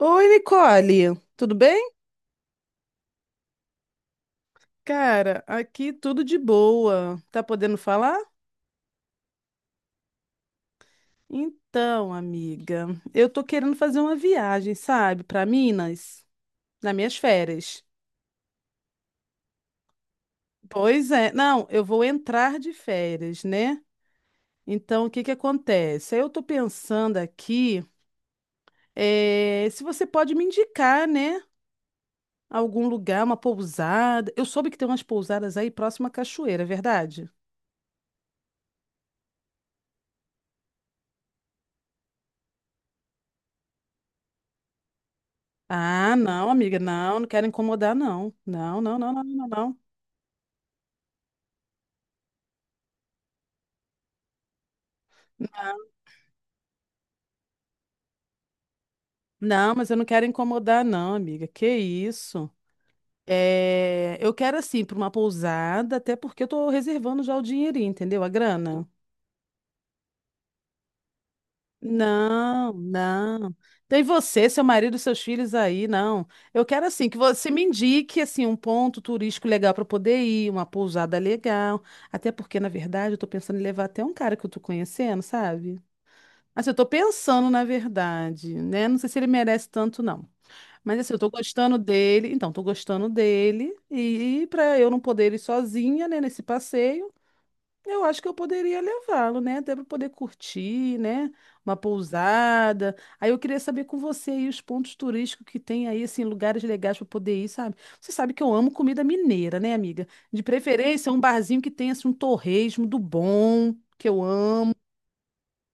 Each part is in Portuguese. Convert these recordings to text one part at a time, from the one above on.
Oi, Nicole, tudo bem? Cara, aqui tudo de boa. Tá podendo falar? Então, amiga, eu tô querendo fazer uma viagem, sabe, para Minas, nas minhas férias. Pois é, não, eu vou entrar de férias, né? Então, o que que acontece? Aí eu tô pensando aqui, se você pode me indicar, né, algum lugar, uma pousada. Eu soube que tem umas pousadas aí próxima à cachoeira, é verdade? Ah, não, amiga, não, não quero incomodar, não. Não, não, não, não, não, não. Não, mas eu não quero incomodar, não, amiga. Que isso? É, eu quero, assim, para uma pousada, até porque eu tô reservando já o dinheirinho, entendeu? A grana. Não, não. Tem você, seu marido, seus filhos aí, não. Eu quero, assim, que você me indique, assim, um ponto turístico legal para poder ir, uma pousada legal. Até porque, na verdade, eu tô pensando em levar até um cara que eu tô conhecendo, sabe? Assim, eu tô pensando, na verdade, né? Não sei se ele merece tanto, não. Mas assim, eu tô gostando dele. Então, tô gostando dele. E pra eu não poder ir sozinha, né, nesse passeio, eu acho que eu poderia levá-lo, né? Até pra poder curtir, né? Uma pousada. Aí eu queria saber com você aí os pontos turísticos que tem aí, assim, lugares legais pra poder ir, sabe? Você sabe que eu amo comida mineira, né, amiga? De preferência, um barzinho que tenha, assim, um torresmo do bom, que eu amo.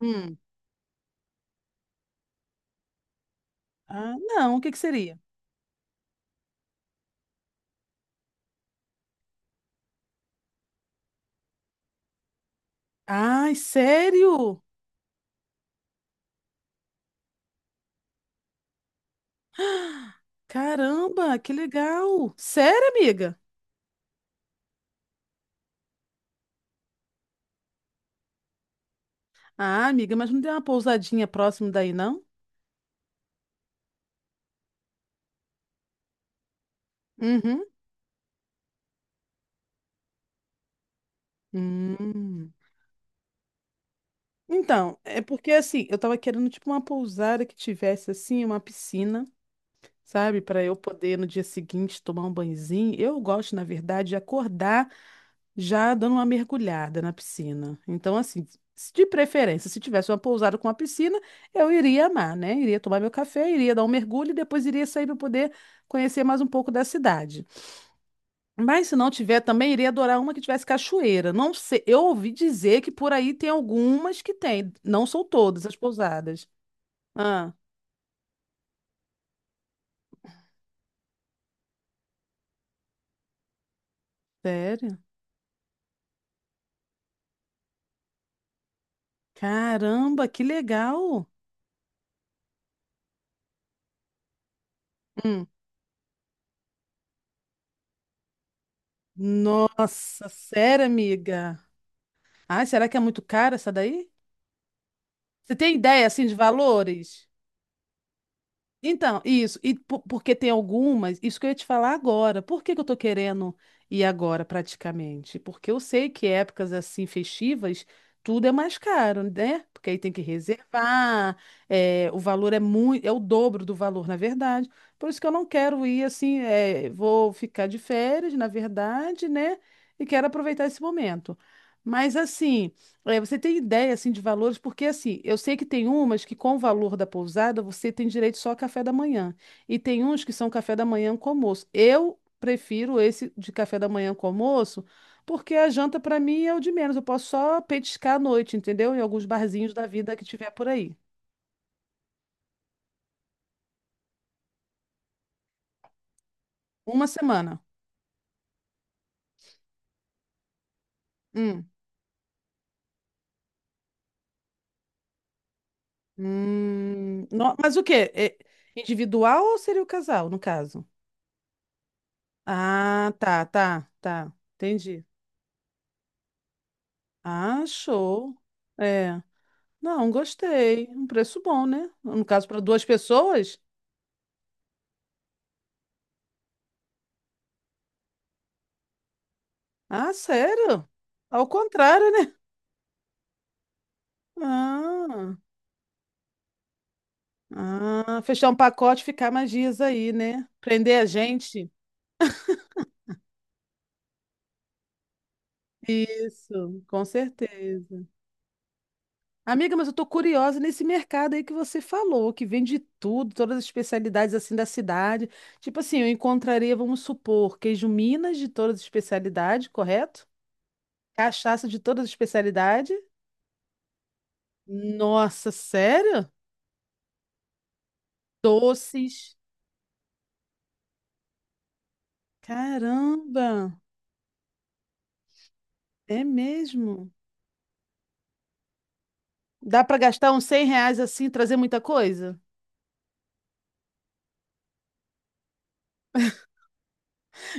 Hum. Ah, não, o que que seria? Ai, sério? Caramba, que legal. Sério, amiga? Ah, amiga, mas não tem uma pousadinha próximo daí, não? Uhum. Hum. Então, é porque assim, eu tava querendo tipo uma pousada que tivesse assim uma piscina, sabe, para eu poder no dia seguinte tomar um banhozinho. Eu gosto, na verdade, de acordar já dando uma mergulhada na piscina. Então, assim, de preferência, se tivesse uma pousada com uma piscina, eu iria amar, né? Iria tomar meu café, iria dar um mergulho e depois iria sair para poder conhecer mais um pouco da cidade. Mas se não tiver, também iria adorar uma que tivesse cachoeira. Não sei, eu ouvi dizer que por aí tem algumas que tem, não são todas as pousadas. Ah, sério? Caramba, que legal! Hum. Nossa, sério, amiga? Ai, será que é muito cara essa daí? Você tem ideia assim de valores? Então, isso. E porque tem algumas, isso que eu ia te falar agora. Por que que eu tô querendo ir agora praticamente? Porque eu sei que épocas assim festivas, tudo é mais caro, né? Porque aí tem que reservar, é, o valor é muito, é o dobro do valor, na verdade. Por isso que eu não quero ir assim, é, vou ficar de férias, na verdade, né? E quero aproveitar esse momento. Mas assim, é, você tem ideia assim de valores? Porque assim, eu sei que tem umas que com o valor da pousada você tem direito só a café da manhã e tem uns que são café da manhã com almoço. Eu prefiro esse de café da manhã com almoço, porque a janta para mim é o de menos. Eu posso só petiscar à noite, entendeu? Em alguns barzinhos da vida que tiver por aí. Uma semana. Hum. Mas o quê? É individual ou seria o casal, no caso? Ah, tá, tá, tá. Entendi. Ah, show. É. Não, gostei. Um preço bom, né? No caso, para duas pessoas? Ah, sério? Ao contrário, né? Ah, ah, fechar um pacote e ficar mais dias aí, né? Prender a gente. Isso, com certeza. Amiga, mas eu tô curiosa nesse mercado aí que você falou, que vende tudo, todas as especialidades assim da cidade. Tipo assim, eu encontraria, vamos supor, queijo Minas de todas as especialidades, correto? Cachaça de todas as especialidades. Nossa, sério? Doces. Caramba, é mesmo? Dá para gastar uns cem reais assim e trazer muita coisa?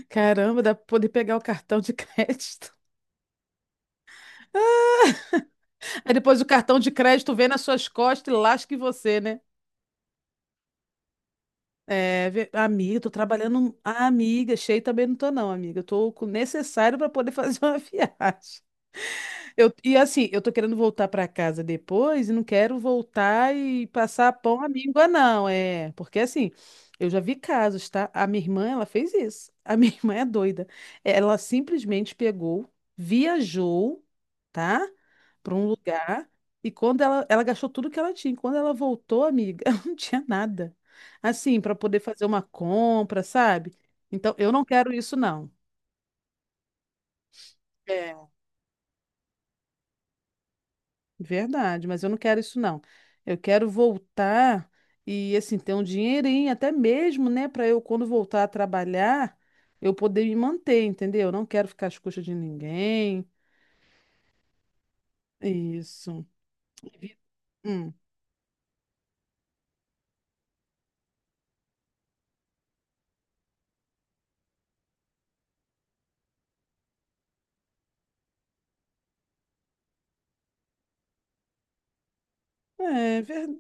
Caramba, dá para poder pegar o cartão de crédito. Aí depois o cartão de crédito vem nas suas costas e lasca em você, né? É, amiga, eu tô trabalhando. Ah, amiga, cheio também não tô, não, amiga. Eu tô com o necessário para poder fazer uma viagem. Eu, e assim, eu tô querendo voltar pra casa depois e não quero voltar e passar pão à míngua, não. É, porque assim, eu já vi casos, tá? A minha irmã, ela fez isso. A minha irmã é doida. Ela simplesmente pegou, viajou, tá? Pra um lugar e quando ela gastou tudo que ela tinha. Quando ela voltou, amiga, ela não tinha nada. Assim, pra poder fazer uma compra, sabe? Então, eu não quero isso, não. Verdade, mas eu não quero isso não. Eu quero voltar e assim ter um dinheirinho até mesmo, né, para eu quando voltar a trabalhar, eu poder me manter, entendeu? Eu não quero ficar às custas de ninguém. Isso. Vi- Hum. É,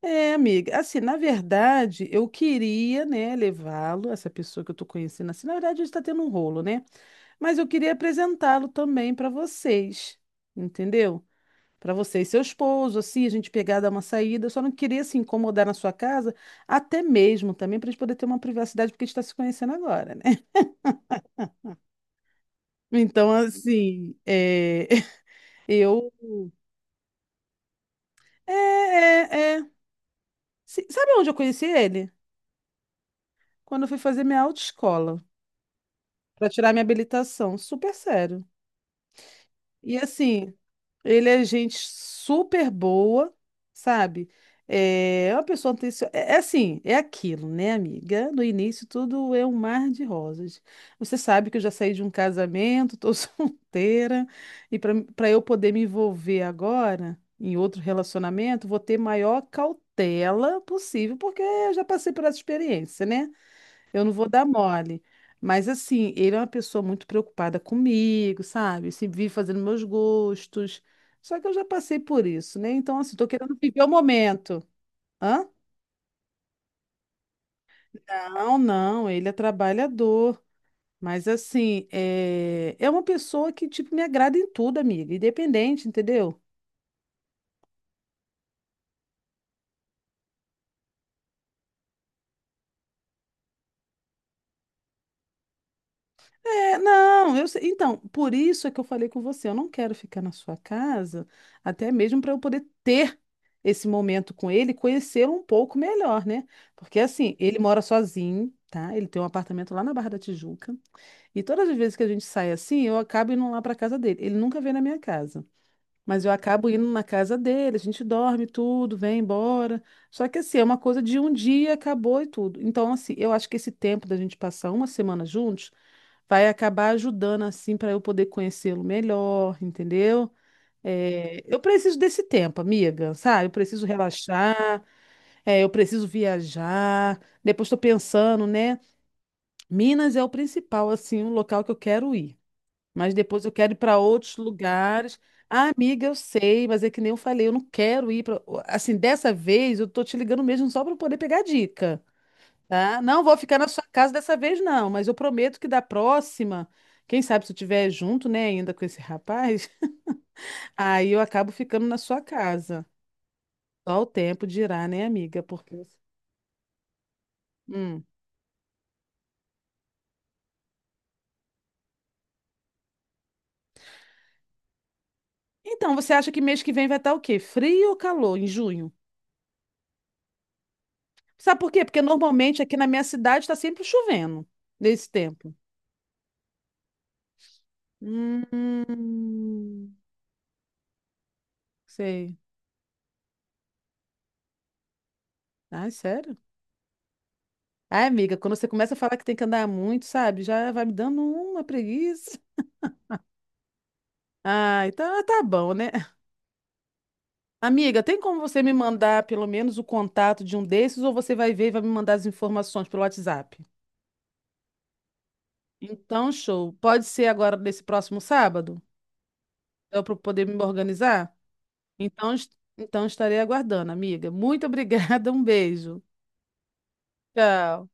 é, amiga. Assim, na verdade, eu queria, né, levá-lo, essa pessoa que eu tô conhecendo assim, na verdade, a gente tá tendo um rolo, né? Mas eu queria apresentá-lo também para vocês, entendeu? Para você e seu esposo, assim, a gente pegar, dar uma saída. Eu só não queria se incomodar na sua casa, até mesmo também pra gente poder ter uma privacidade, porque a gente tá se conhecendo agora, né? Então, assim, é, eu. É, é, é. Sabe onde eu conheci ele? Quando eu fui fazer minha autoescola, para tirar minha habilitação. Super sério. E assim, ele é gente super boa, sabe? É uma pessoa atenciosa. É assim, é aquilo, né, amiga? No início tudo é um mar de rosas. Você sabe que eu já saí de um casamento, tô solteira, e para eu poder me envolver agora em outro relacionamento, vou ter maior cautela possível, porque eu já passei por essa experiência, né? Eu não vou dar mole. Mas assim, ele é uma pessoa muito preocupada comigo, sabe? Se vive fazendo meus gostos. Só que eu já passei por isso, né? Então, assim, tô querendo viver o momento. Hã? Não, não, ele é trabalhador. Mas assim, é uma pessoa que, tipo, me agrada em tudo, amiga. Independente, entendeu? É, não, eu sei. Então, por isso é que eu falei com você, eu não quero ficar na sua casa, até mesmo para eu poder ter esse momento com ele, e conhecê-lo um pouco melhor, né? Porque assim, ele mora sozinho, tá? Ele tem um apartamento lá na Barra da Tijuca, e todas as vezes que a gente sai assim, eu acabo indo lá para casa dele. Ele nunca vem na minha casa, mas eu acabo indo na casa dele, a gente dorme tudo, vem embora. Só que assim, é uma coisa de um dia, acabou e tudo. Então, assim, eu acho que esse tempo da gente passar uma semana juntos vai acabar ajudando assim para eu poder conhecê-lo melhor, entendeu? É, eu preciso desse tempo, amiga, sabe? Eu preciso relaxar, é, eu preciso viajar. Depois estou pensando, né? Minas é o principal, assim, o local que eu quero ir. Mas depois eu quero ir para outros lugares. Ah, amiga, eu sei, mas é que nem eu falei, eu não quero ir para. Assim, dessa vez eu tô te ligando mesmo só para poder pegar dica. Tá? Não vou ficar na sua casa dessa vez, não, mas eu prometo que da próxima, quem sabe se eu estiver junto, né, ainda com esse rapaz, aí eu acabo ficando na sua casa. Só o tempo dirá, né, amiga? Porque. Hum. Então, você acha que mês que vem vai estar o quê? Frio ou calor em junho? Sabe por quê? Porque normalmente aqui na minha cidade está sempre chovendo nesse tempo. Hum, sei. Ai, sério? Ai, amiga, quando você começa a falar que tem que andar muito, sabe? Já vai me dando uma preguiça. Ah, então ah, tá bom, né? Amiga, tem como você me mandar pelo menos o contato de um desses ou você vai ver e vai me mandar as informações pelo WhatsApp? Então, show. Pode ser agora nesse próximo sábado? Para eu poder me organizar? Então, então estarei aguardando, amiga. Muito obrigada, um beijo. Tchau.